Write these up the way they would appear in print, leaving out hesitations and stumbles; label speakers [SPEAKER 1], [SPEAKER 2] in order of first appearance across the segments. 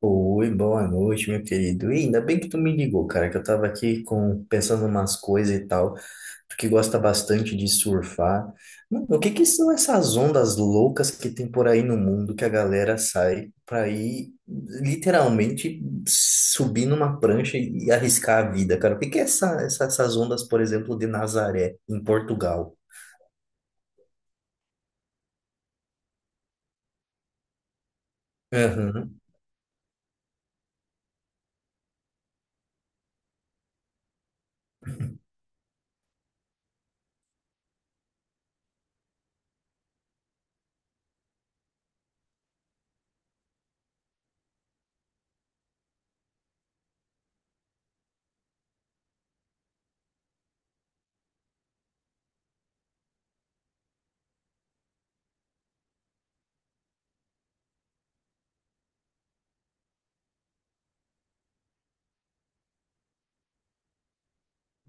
[SPEAKER 1] Oi, boa noite, meu querido. E ainda bem que tu me ligou, cara, que eu tava aqui pensando umas coisas e tal. Tu que gosta bastante de surfar. Mano, o que que são essas ondas loucas que tem por aí no mundo que a galera sai pra ir literalmente subir numa prancha e arriscar a vida, cara? O que que é essas ondas, por exemplo, de Nazaré, em Portugal? Uhum,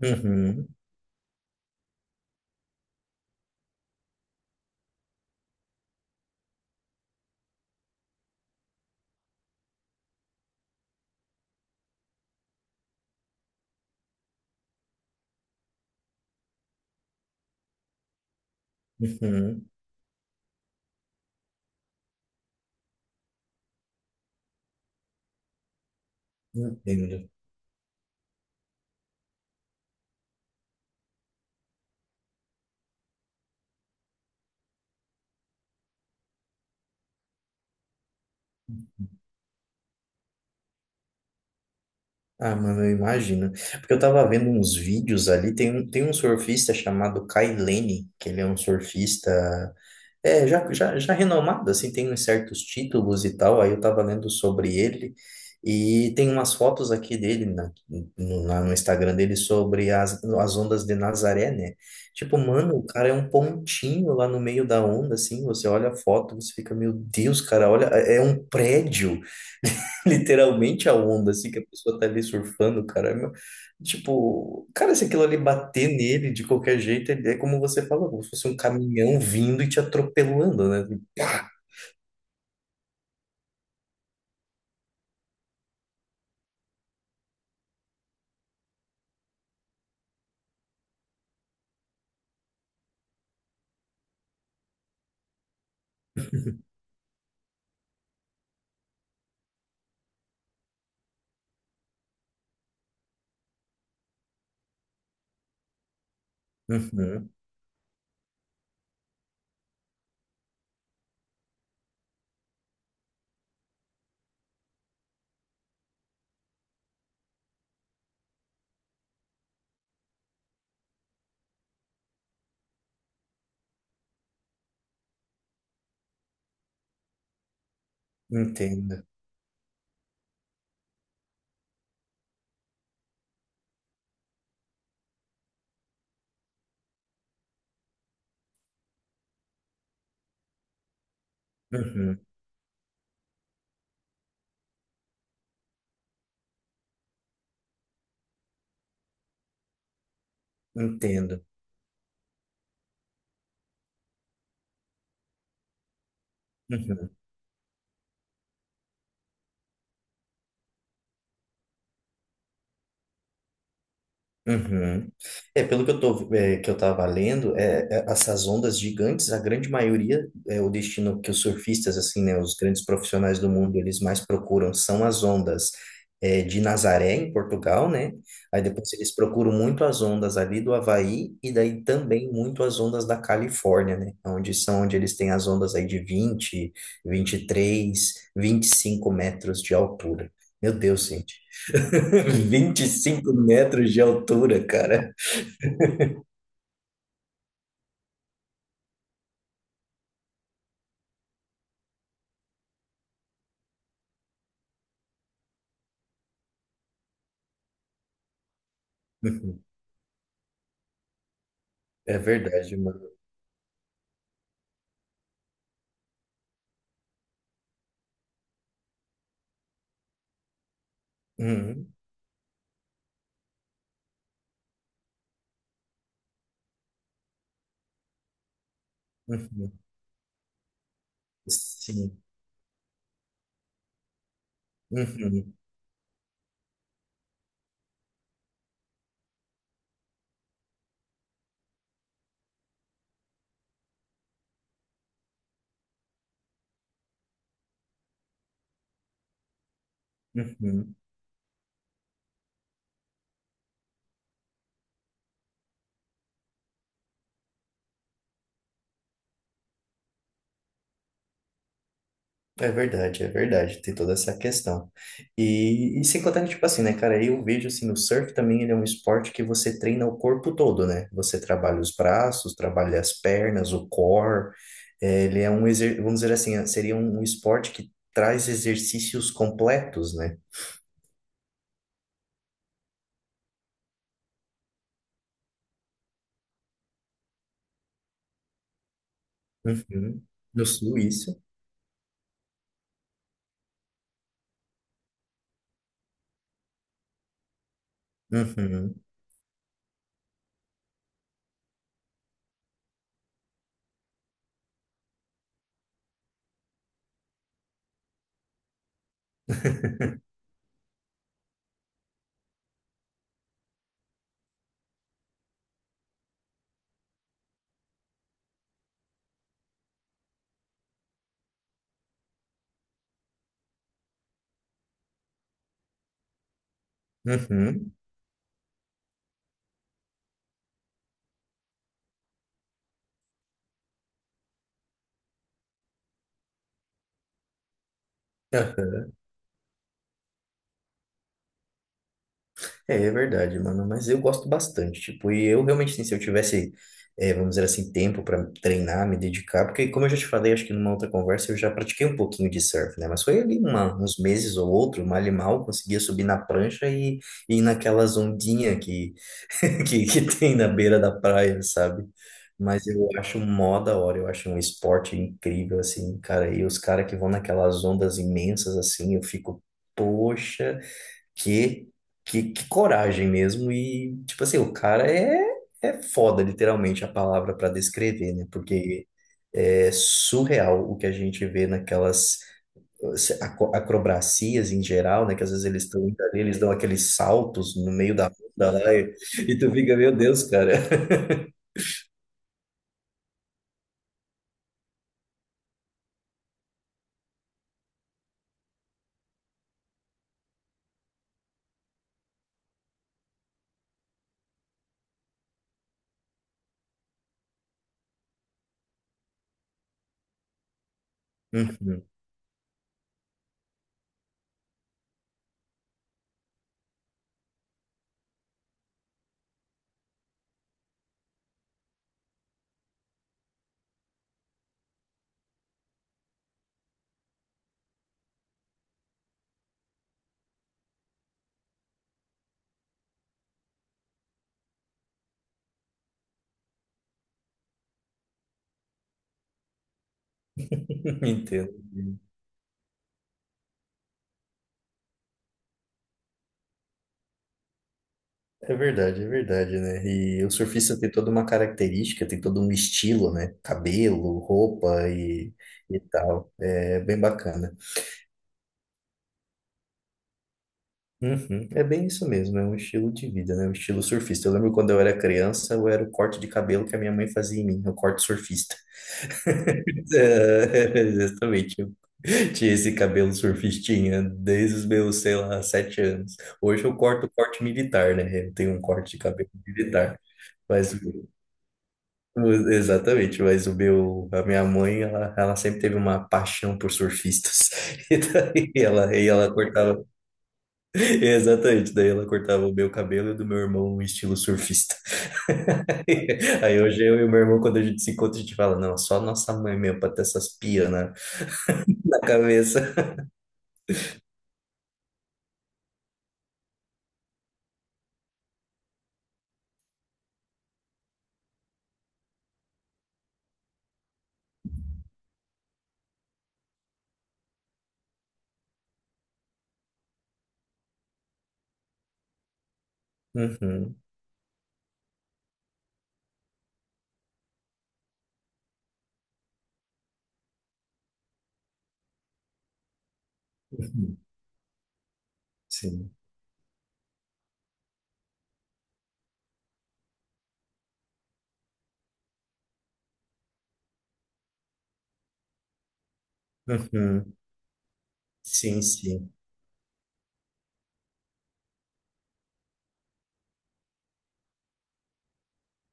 [SPEAKER 1] uhum, uhum. Entendo. Ah, mano, eu imagino. Porque eu tava vendo uns vídeos ali, tem um surfista chamado Kai Lene, que ele é um surfista, já renomado, assim, tem uns certos títulos e tal, aí eu tava lendo sobre ele, e tem umas fotos aqui dele no Instagram dele sobre as ondas de Nazaré, né? Tipo, mano, o cara é um pontinho lá no meio da onda, assim, você olha a foto, você fica, meu Deus, cara, olha, é um prédio. Literalmente a onda, assim, que a pessoa tá ali surfando, cara. Tipo, cara, se aquilo ali bater nele de qualquer jeito, é como você falou, como se fosse um caminhão vindo e te atropelando, né? Tipo, pá! Uhum, entendo. Uhum, entendo. Uhum. Uhum. É, pelo que que eu tava lendo, essas ondas gigantes, a grande maioria, é o destino que os surfistas, assim, né, os grandes profissionais do mundo, eles mais procuram são as ondas de Nazaré, em Portugal, né? Aí depois eles procuram muito as ondas ali do Havaí e daí também muito as ondas da Califórnia, né? Onde são, onde eles têm as ondas aí de 20, 23, 25 metros de altura. Meu Deus, gente, 25 metros de altura, cara. Uhum. É verdade, mano. Uhum, uhum. Sim. Uhum, uhum. É verdade, é verdade. Tem toda essa questão. E sem contar que, tipo assim, né, cara, eu vejo assim, o surf também ele é um esporte que você treina o corpo todo, né? Você trabalha os braços, trabalha as pernas, o core. É, ele é vamos dizer assim, seria um esporte que traz exercícios completos, né? Uhum. No sul, isso. Uhum. Uhum. É. É, é verdade, mano, mas eu gosto bastante, tipo, e eu realmente, assim, se eu tivesse, vamos dizer assim, tempo para treinar, me dedicar, porque como eu já te falei, acho que numa outra conversa, eu já pratiquei um pouquinho de surf, né, mas foi ali uns meses ou outro, mal e mal, conseguia subir na prancha e ir naquelas ondinhas que, que tem na beira da praia, sabe? Mas eu acho mó da hora, eu acho um esporte incrível, assim, cara. E os caras que vão naquelas ondas imensas, assim, eu fico, poxa. Que, que coragem mesmo. E, tipo assim, o cara é foda, literalmente, a palavra para descrever, né? Porque é surreal o que a gente vê naquelas acrobacias em geral, né? Que às vezes eles estão indo ali, eles dão aqueles saltos no meio da onda lá e tu fica, meu Deus, cara. Uhum. Entendo. É verdade, né? E o surfista tem toda uma característica, tem todo um estilo, né? Cabelo, roupa e tal. É bem bacana. Uhum, é bem isso mesmo, é um estilo de vida, né? Um estilo surfista. Eu lembro quando eu era criança, eu era o corte de cabelo que a minha mãe fazia em mim, o corte surfista. É, exatamente. Eu tinha esse cabelo surfistinha desde os meus, sei lá, 7 anos. Hoje eu corto o corte militar, né? Eu tenho um corte de cabelo militar. Mas exatamente, mas a minha mãe, ela sempre teve uma paixão por surfistas. E ela cortava, exatamente, daí ela cortava o meu cabelo e o do meu irmão em estilo surfista. Aí hoje eu e o meu irmão, quando a gente se encontra, a gente fala, não, só nossa mãe mesmo pra ter essas pias na cabeça. Uhum, uhum, sim, uhum, sim, sim.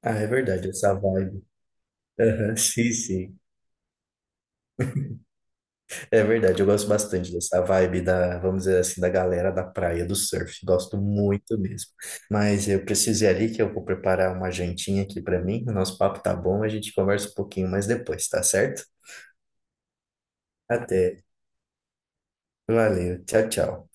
[SPEAKER 1] Ah, é verdade, essa vibe. Aham, sim, sim. É verdade, eu gosto bastante dessa vibe da, vamos dizer assim, da galera da praia do surf. Gosto muito mesmo. Mas eu preciso ir ali que eu vou preparar uma jantinha aqui para mim. O nosso papo tá bom, a gente conversa um pouquinho mais depois, tá certo? Até. Valeu. Tchau, tchau.